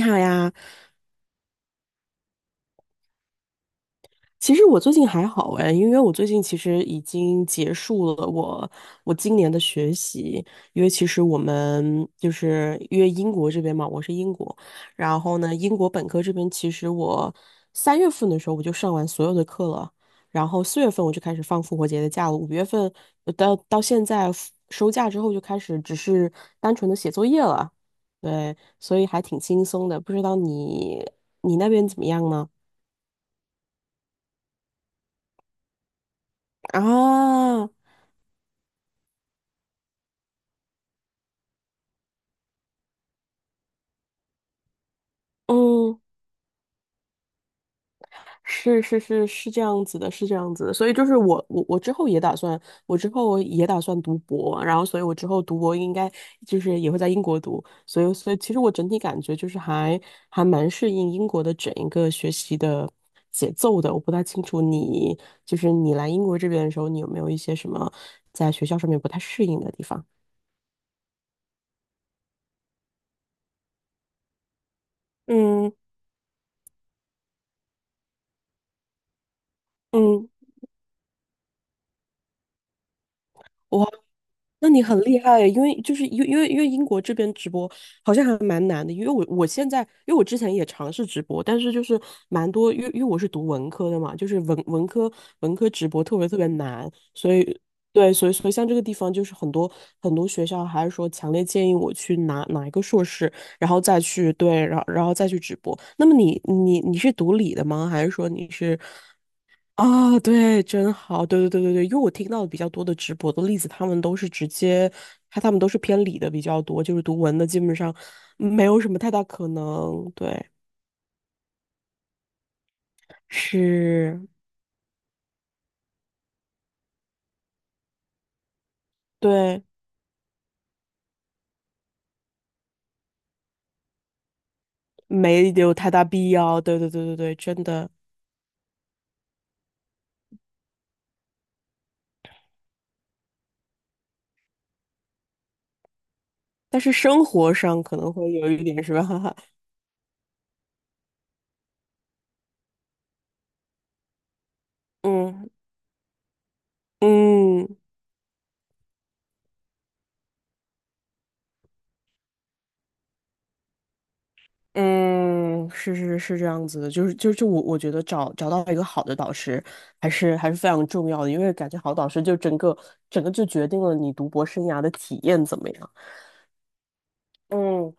你好呀，其实我最近还好哎，因为我最近其实已经结束了我今年的学习，因为其实我们就是因为英国这边嘛，我是英国，然后呢，英国本科这边其实我三月份的时候我就上完所有的课了，然后四月份我就开始放复活节的假了，五月份到现在收假之后就开始只是单纯的写作业了，对，所以还挺轻松的，不知道你那边怎么样呢？啊，嗯，是是是是这样子的，是这样子的，所以就是我之后也打算读博，然后所以我之后读博应该就是也会在英国读，所以其实我整体感觉就是还蛮适应英国的整一个学习的节奏的，我不太清楚你就是你来英国这边的时候，你有没有一些什么在学校上面不太适应的地方？嗯。嗯，我那你很厉害，因为就是因为因为因为英国这边直播好像还蛮难的，因为我之前也尝试直播，但是就是蛮多，因为我是读文科的嘛，就是文科直播特别特别难，所以对，所以像这个地方就是很多学校还是说强烈建议我去拿一个硕士，然后再去对，然后再去直播。那么你是读理的吗？还是说你是？啊，对，真好，对对对对对，因为我听到的比较多的直播的例子，他们都是直接，他们都是偏理的比较多，就是读文的基本上没有什么太大可能，对，是，对，没有太大必要，对对对对对，真的，但是生活上可能会有一点，是吧？哈嗯嗯。嗯，是是是这样子的，就我觉得找到一个好的导师还是非常重要的，因为感觉好导师就整个就决定了你读博生涯的体验怎么样。嗯，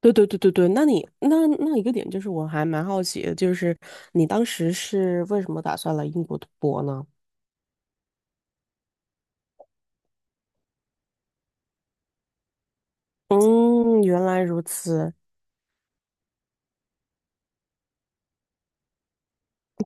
对对对对对，那你那一个点就是我还蛮好奇的，就是你当时是为什么打算来英国读博呢？嗯，原来如此。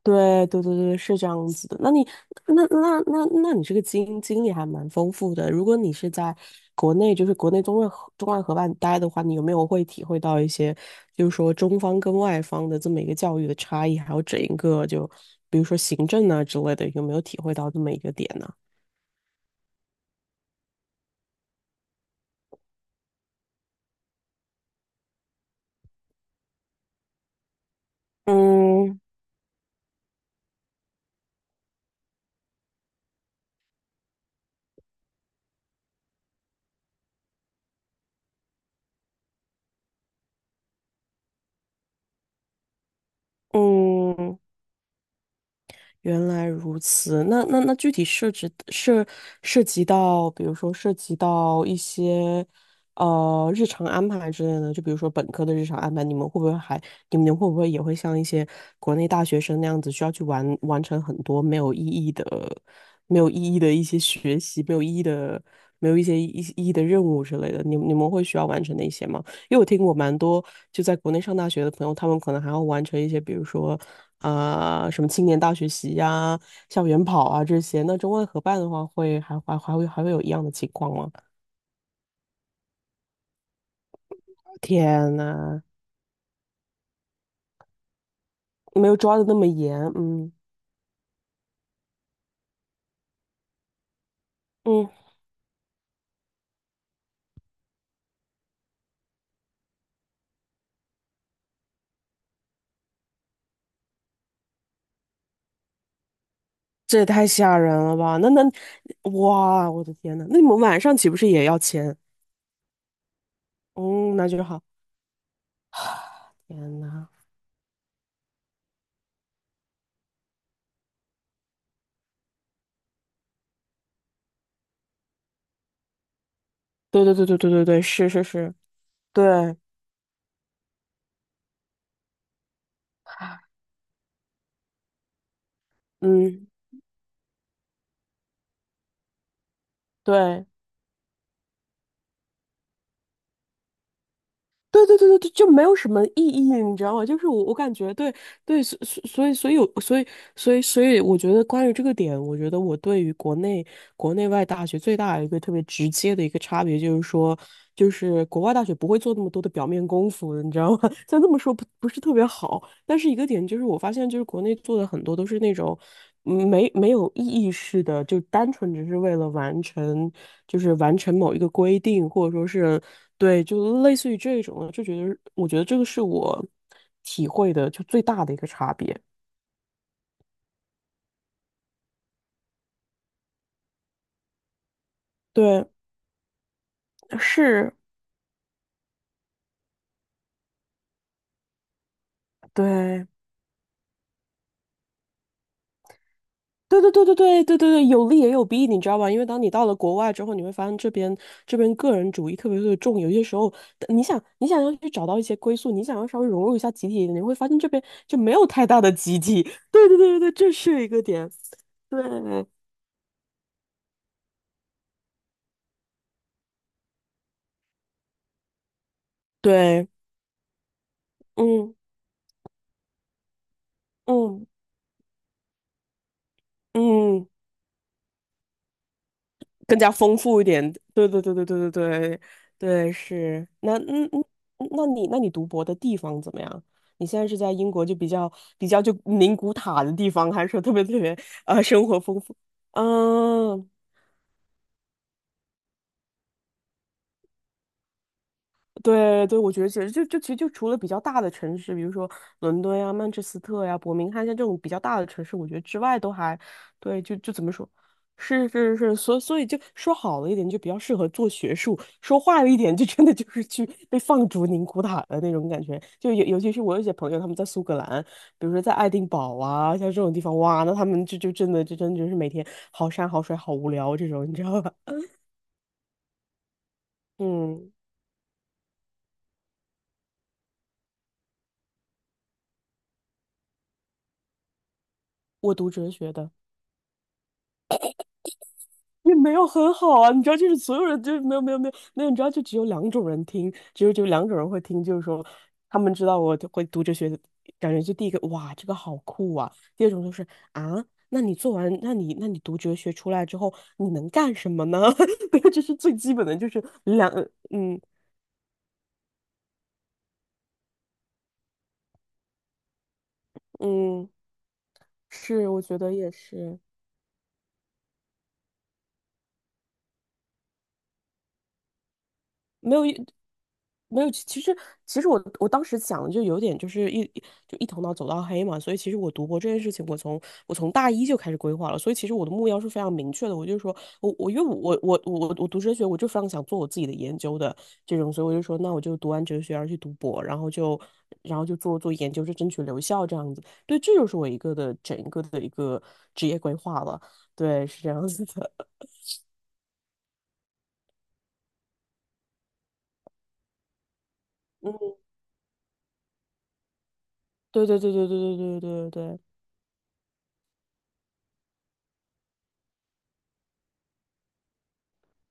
对对对对，是这样子的。那你那那那那你这个经历还蛮丰富的。如果你是在国内，就是国内中外合办待的话，你有没有会体会到一些，就是说中方跟外方的这么一个教育的差异，还有整一个就比如说行政啊之类的，有没有体会到这么一个点呢？嗯嗯，原来如此，那具体涉及到，比如说涉及到一些日常安排之类的，就比如说本科的日常安排，你们会不会也会像一些国内大学生那样子，需要去完成很多没有意义的一些学习，没有意义的、没有一些意义的任务之类的？你们会需要完成那些吗？因为我听过蛮多就在国内上大学的朋友，他们可能还要完成一些，比如说什么青年大学习呀、校园跑啊这些。那中外合办的话会，还会有一样的情况吗？天呐，没有抓的那么严，嗯嗯，这也太吓人了吧？哇，我的天呐，那你们晚上岂不是也要签？嗯，那就好。天呐，对对对对对对对，是是是，对，嗯对。对对对对对，就没有什么意义，你知道吗？就是我感觉对对，所以，我觉得关于这个点，我觉得我对于国内外大学最大的一个特别直接的一个差别，就是说，就是国外大学不会做那么多的表面功夫，你知道吗？虽然这么说不是特别好，但是一个点就是，我发现就是国内做的很多都是那种没有意义式的，就单纯只是为了完成，就是完成某一个规定，或者说是对，就类似于这种的，就觉得我觉得这个是我体会的就最大的一个差别。对，是，对，对对对对对对对对，有利也有弊，你知道吧？因为当你到了国外之后，你会发现这边个人主义特别特别重，有些时候你想要去找到一些归宿，你想要稍微融入一下集体，你会发现这边就没有太大的集体。对对对对对，这是一个点。对对，嗯嗯嗯嗯，更加丰富一点。对对对对对对对对，是。那嗯嗯，嗯那你读博的地方怎么样？你现在是在英国就比较就宁古塔的地方，还是说特别特别生活丰富？嗯对对，我觉得其实就除了比较大的城市，比如说伦敦呀、曼彻斯特呀、伯明翰像这种比较大的城市，我觉得之外都还对，就怎么说，是是是，所以就说好了一点，就比较适合做学术；说坏了一点，就真的就是去被放逐宁古塔的那种感觉。就尤其是我有些朋友他们在苏格兰，比如说在爱丁堡啊，像这种地方，哇，那他们就真的就是每天好山好水好无聊这种，你知道吧？嗯，我读哲学的。也没有很好啊，你知道，就是所有人就是没有，你知道，就只有两种人听，只有两种人会听，就是说他们知道我会读哲学，感觉就第一个哇，这个好酷啊，第二种就是啊，那你做完，那你读哲学出来之后，你能干什么呢？对，这是最基本的，就是嗯嗯，是，我觉得也是，没有一没有，其实我当时想的就有点就是一头脑走到黑嘛，所以其实我读博这件事情，我从大一就开始规划了，所以其实我的目标是非常明确的，我就说我因为我读哲学，我就非常想做我自己的研究的这种，所以我就说那我就读完哲学，然后去读博，然后就做做研究，就争取留校这样子，对，这就是我一个的整个的一个职业规划了，对，是这样子的，嗯，对对对对对对对对对。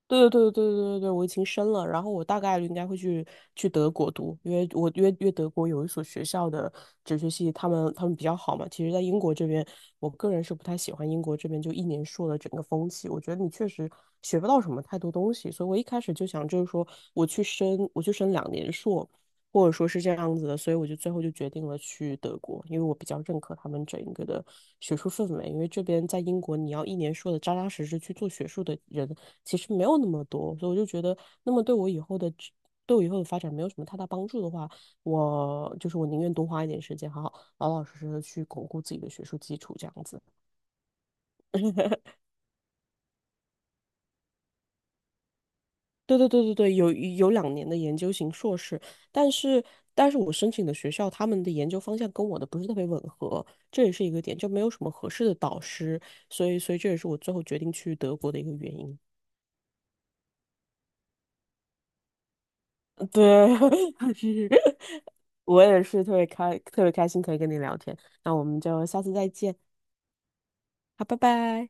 对对对对对对，对，我已经申了，然后我大概率应该会去德国读，因为我约为因为德国有一所学校的哲学系，他们比较好嘛。其实，在英国这边，我个人是不太喜欢英国这边就一年硕的整个风气，我觉得你确实学不到什么太多东西，所以我一开始就想就是说我去申两年硕，或者说是这样子的，所以我就最后就决定了去德国，因为我比较认可他们整一个的学术氛围。因为这边在英国，你要一年说的扎扎实实去做学术的人，其实没有那么多，所以我就觉得，那么对我以后的职对我以后的发展没有什么太大帮助的话，我就是我宁愿多花一点时间，好好老老实实的去巩固自己的学术基础，这样子。对对对对对，有两年的研究型硕士，但是但是我申请的学校他们的研究方向跟我的不是特别吻合，这也是一个点，就没有什么合适的导师，所以这也是我最后决定去德国的一个原因。对，是，我也是特别开心可以跟你聊天。那我们就下次再见，好，拜拜。